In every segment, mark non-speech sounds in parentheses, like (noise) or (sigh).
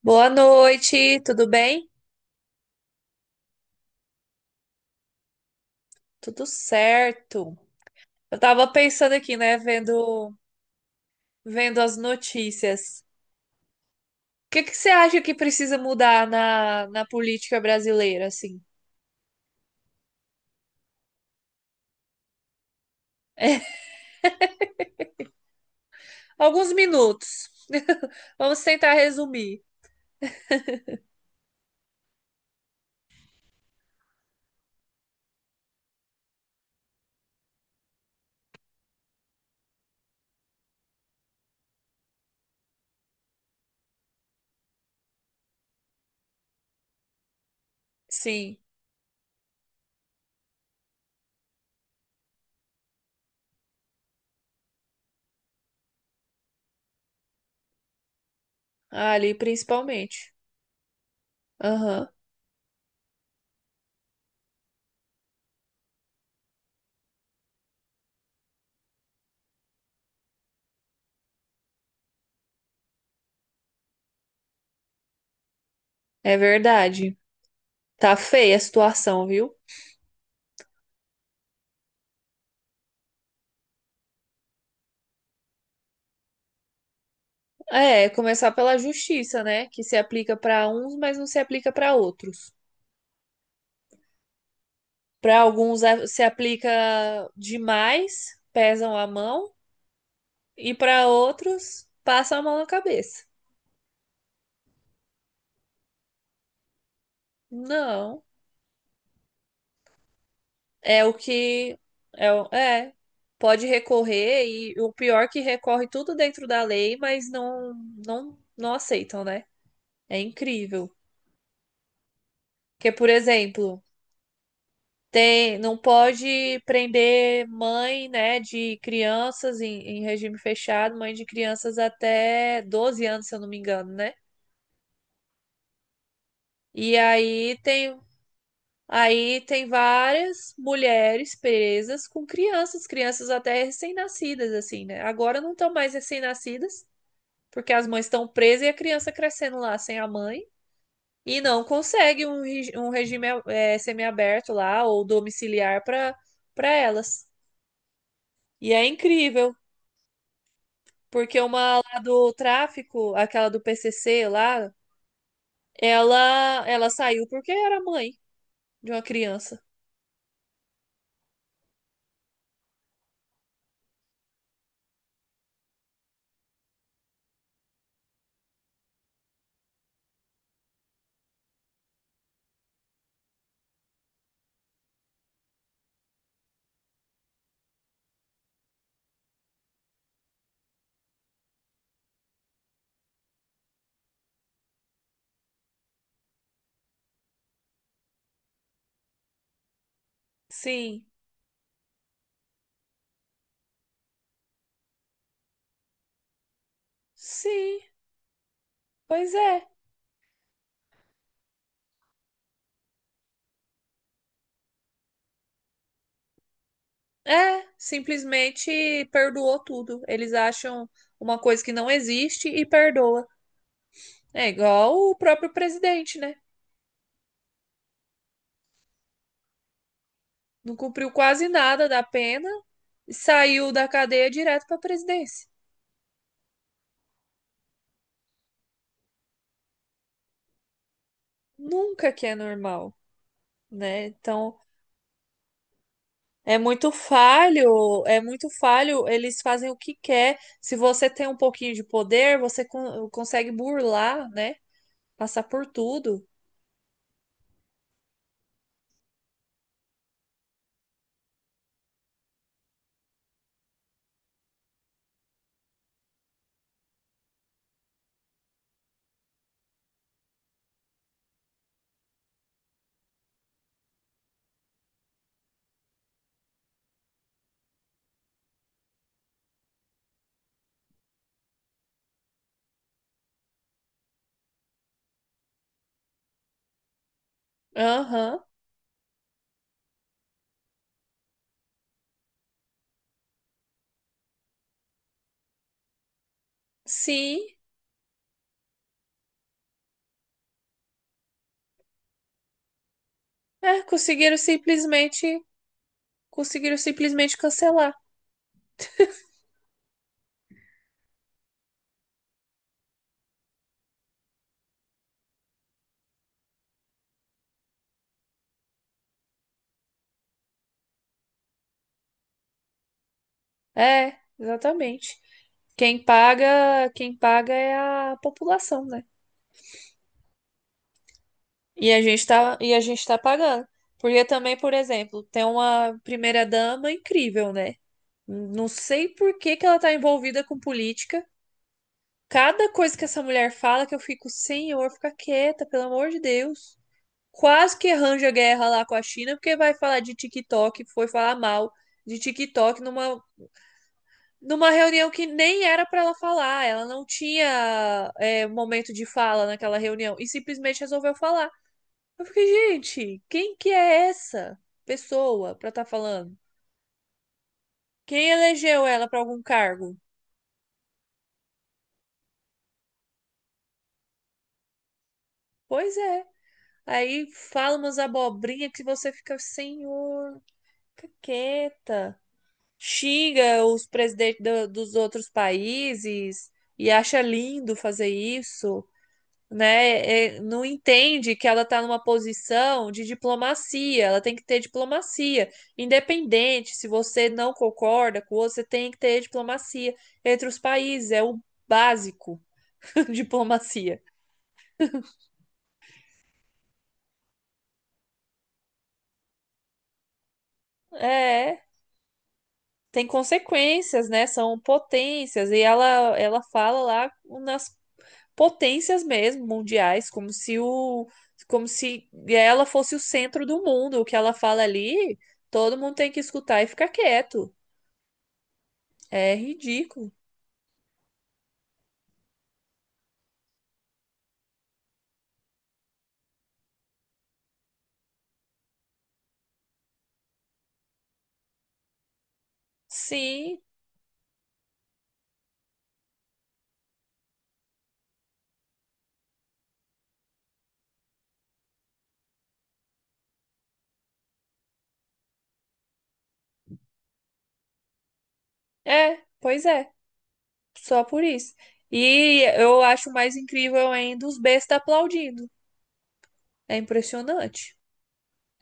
Boa noite, tudo bem? Tudo certo. Eu tava pensando aqui, né, vendo as notícias. O que que você acha que precisa mudar na política brasileira, assim? Alguns minutos. (laughs) Vamos tentar resumir. Sim, ali principalmente. Aham, é verdade. Tá feia a situação, viu? É, começar pela justiça, né, que se aplica pra uns, mas não se aplica pra outros. Para alguns se aplica demais, pesam a mão, e para outros passam a mão na cabeça. Não, é o que é, é, pode recorrer e o pior é que recorre tudo dentro da lei, mas não aceitam, né? É incrível. Porque, por exemplo, tem, não pode prender mãe, né, de crianças em regime fechado, mãe de crianças até 12 anos, se eu não me engano, né? E aí tem várias mulheres presas com crianças, crianças até recém-nascidas, assim, né? Agora não estão mais recém-nascidas, porque as mães estão presas e a criança crescendo lá sem a mãe. E não consegue um, um regime semiaberto lá ou domiciliar para elas. E é incrível, porque uma lá do tráfico, aquela do PCC lá, ela saiu porque era mãe de uma criança. Sim, sim. Pois é, é, simplesmente perdoou tudo. Eles acham uma coisa que não existe e perdoa. É igual o próprio presidente, né? Não cumpriu quase nada da pena e saiu da cadeia direto para a presidência. Nunca que é normal, né? Então, é muito falho, eles fazem o que quer. Se você tem um pouquinho de poder, você consegue burlar, né? Passar por tudo. Aham. Sim, é, conseguiram simplesmente cancelar. É, exatamente. Quem paga é a população, né? E a gente tá pagando. Porque também, por exemplo, tem uma primeira-dama incrível, né? Não sei por que que ela tá envolvida com política. Cada coisa que essa mulher fala que eu fico, senhor, fica quieta, pelo amor de Deus. Quase que arranja guerra lá com a China, porque vai falar de TikTok, foi falar mal de TikTok numa reunião que nem era para ela falar, ela não tinha momento de fala naquela reunião e simplesmente resolveu falar. Eu fiquei, gente, quem que é essa pessoa para estar falando? Quem elegeu ela para algum cargo? Pois é. Aí fala umas abobrinhas que você fica, senhor, fica quieta. Xinga os presidentes dos outros países e acha lindo fazer isso. Né, é, não entende que ela está numa posição de diplomacia, ela tem que ter diplomacia, independente se você não concorda com o outro, você tem que ter diplomacia entre os países, é o básico (laughs) diplomacia. É, tem consequências, né? São potências e ela fala lá nas potências mesmo mundiais, como se ela fosse o centro do mundo. O que ela fala ali, todo mundo tem que escutar e ficar quieto. É ridículo. Sim, é, pois é, só por isso. E eu acho mais incrível ainda os bestas aplaudindo. É impressionante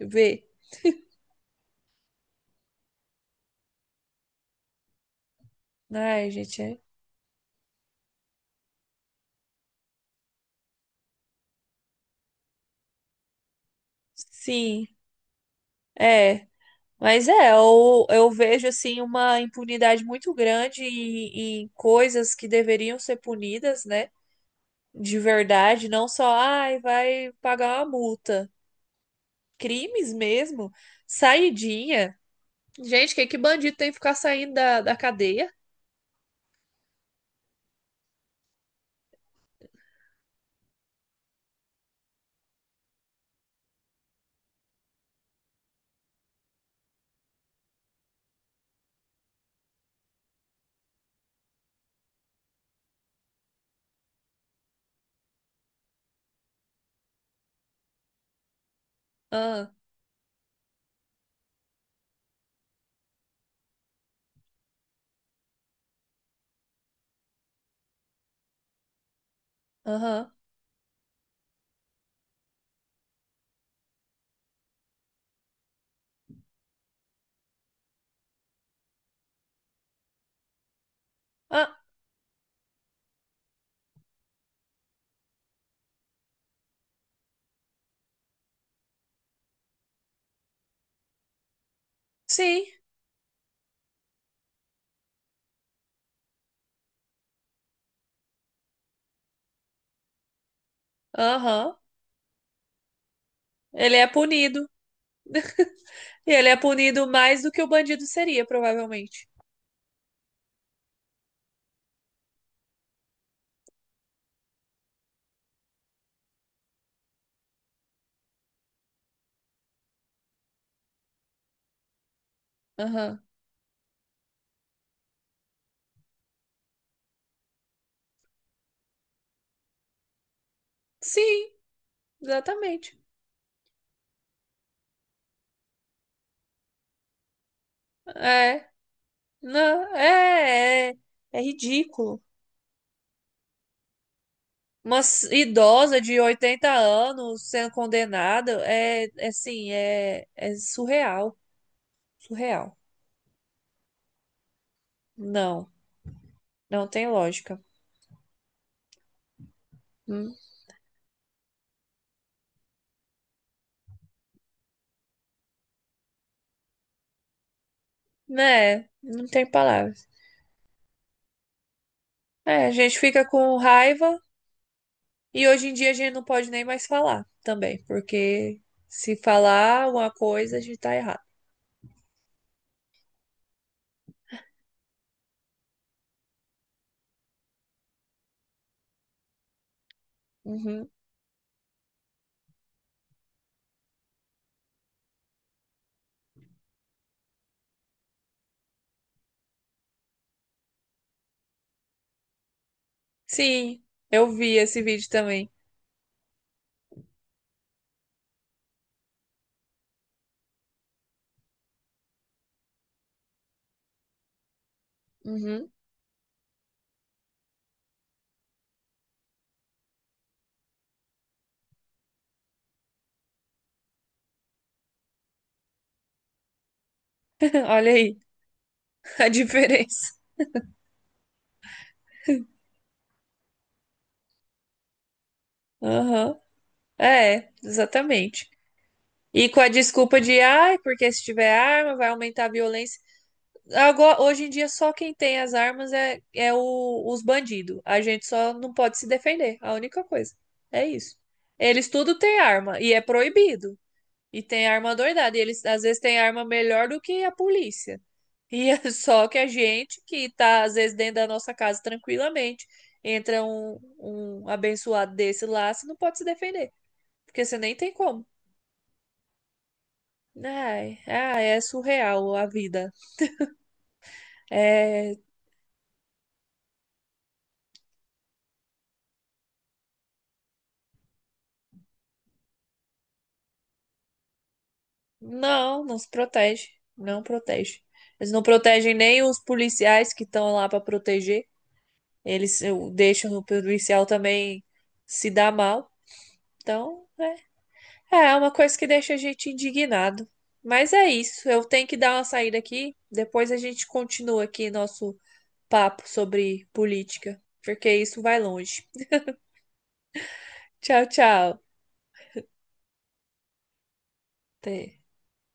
ver. Ai, gente, é. Sim, é. Mas é, eu vejo assim uma impunidade muito grande em, em coisas que deveriam ser punidas, né? De verdade, não só, ai, vai pagar uma multa. Crimes mesmo, saidinha. Gente, que bandido tem que ficar saindo da cadeia? Ah, aham. Ah, sim, aham. Ele é punido. E ele é punido mais do que o bandido seria, provavelmente. Aham. Sim, exatamente. É, não, é, é, é ridículo. Uma idosa de 80 anos sendo condenada é, é assim, é, é surreal, surreal. Não, não tem lógica. Hum. Né? Não tem palavras. É, a gente fica com raiva e hoje em dia a gente não pode nem mais falar também, porque se falar uma coisa, a gente tá errado. Uhum. Sim, eu vi esse vídeo também. Uhum. (laughs) Olha aí a diferença. Aham. É, exatamente. E com a desculpa de, ai, porque se tiver arma vai aumentar a violência. Agora, hoje em dia, só quem tem as armas é, os bandidos. A gente só não pode se defender. A única coisa. É isso. Eles tudo têm arma e é proibido. E tem arma doidada. E eles às vezes têm arma melhor do que a polícia. E é (laughs) só que a gente, que tá às vezes dentro da nossa casa tranquilamente, entra um, um abençoado desse lá, você não pode se defender. Porque você nem tem como. Ai, ai, é surreal a vida. É. Não, não se protege. Não protege. Eles não protegem nem os policiais que estão lá para proteger. Eles deixam o policial também se dar mal. Então, é, é uma coisa que deixa a gente indignado. Mas é isso. Eu tenho que dar uma saída aqui. Depois a gente continua aqui nosso papo sobre política, porque isso vai longe. Tchau, tchau. Até.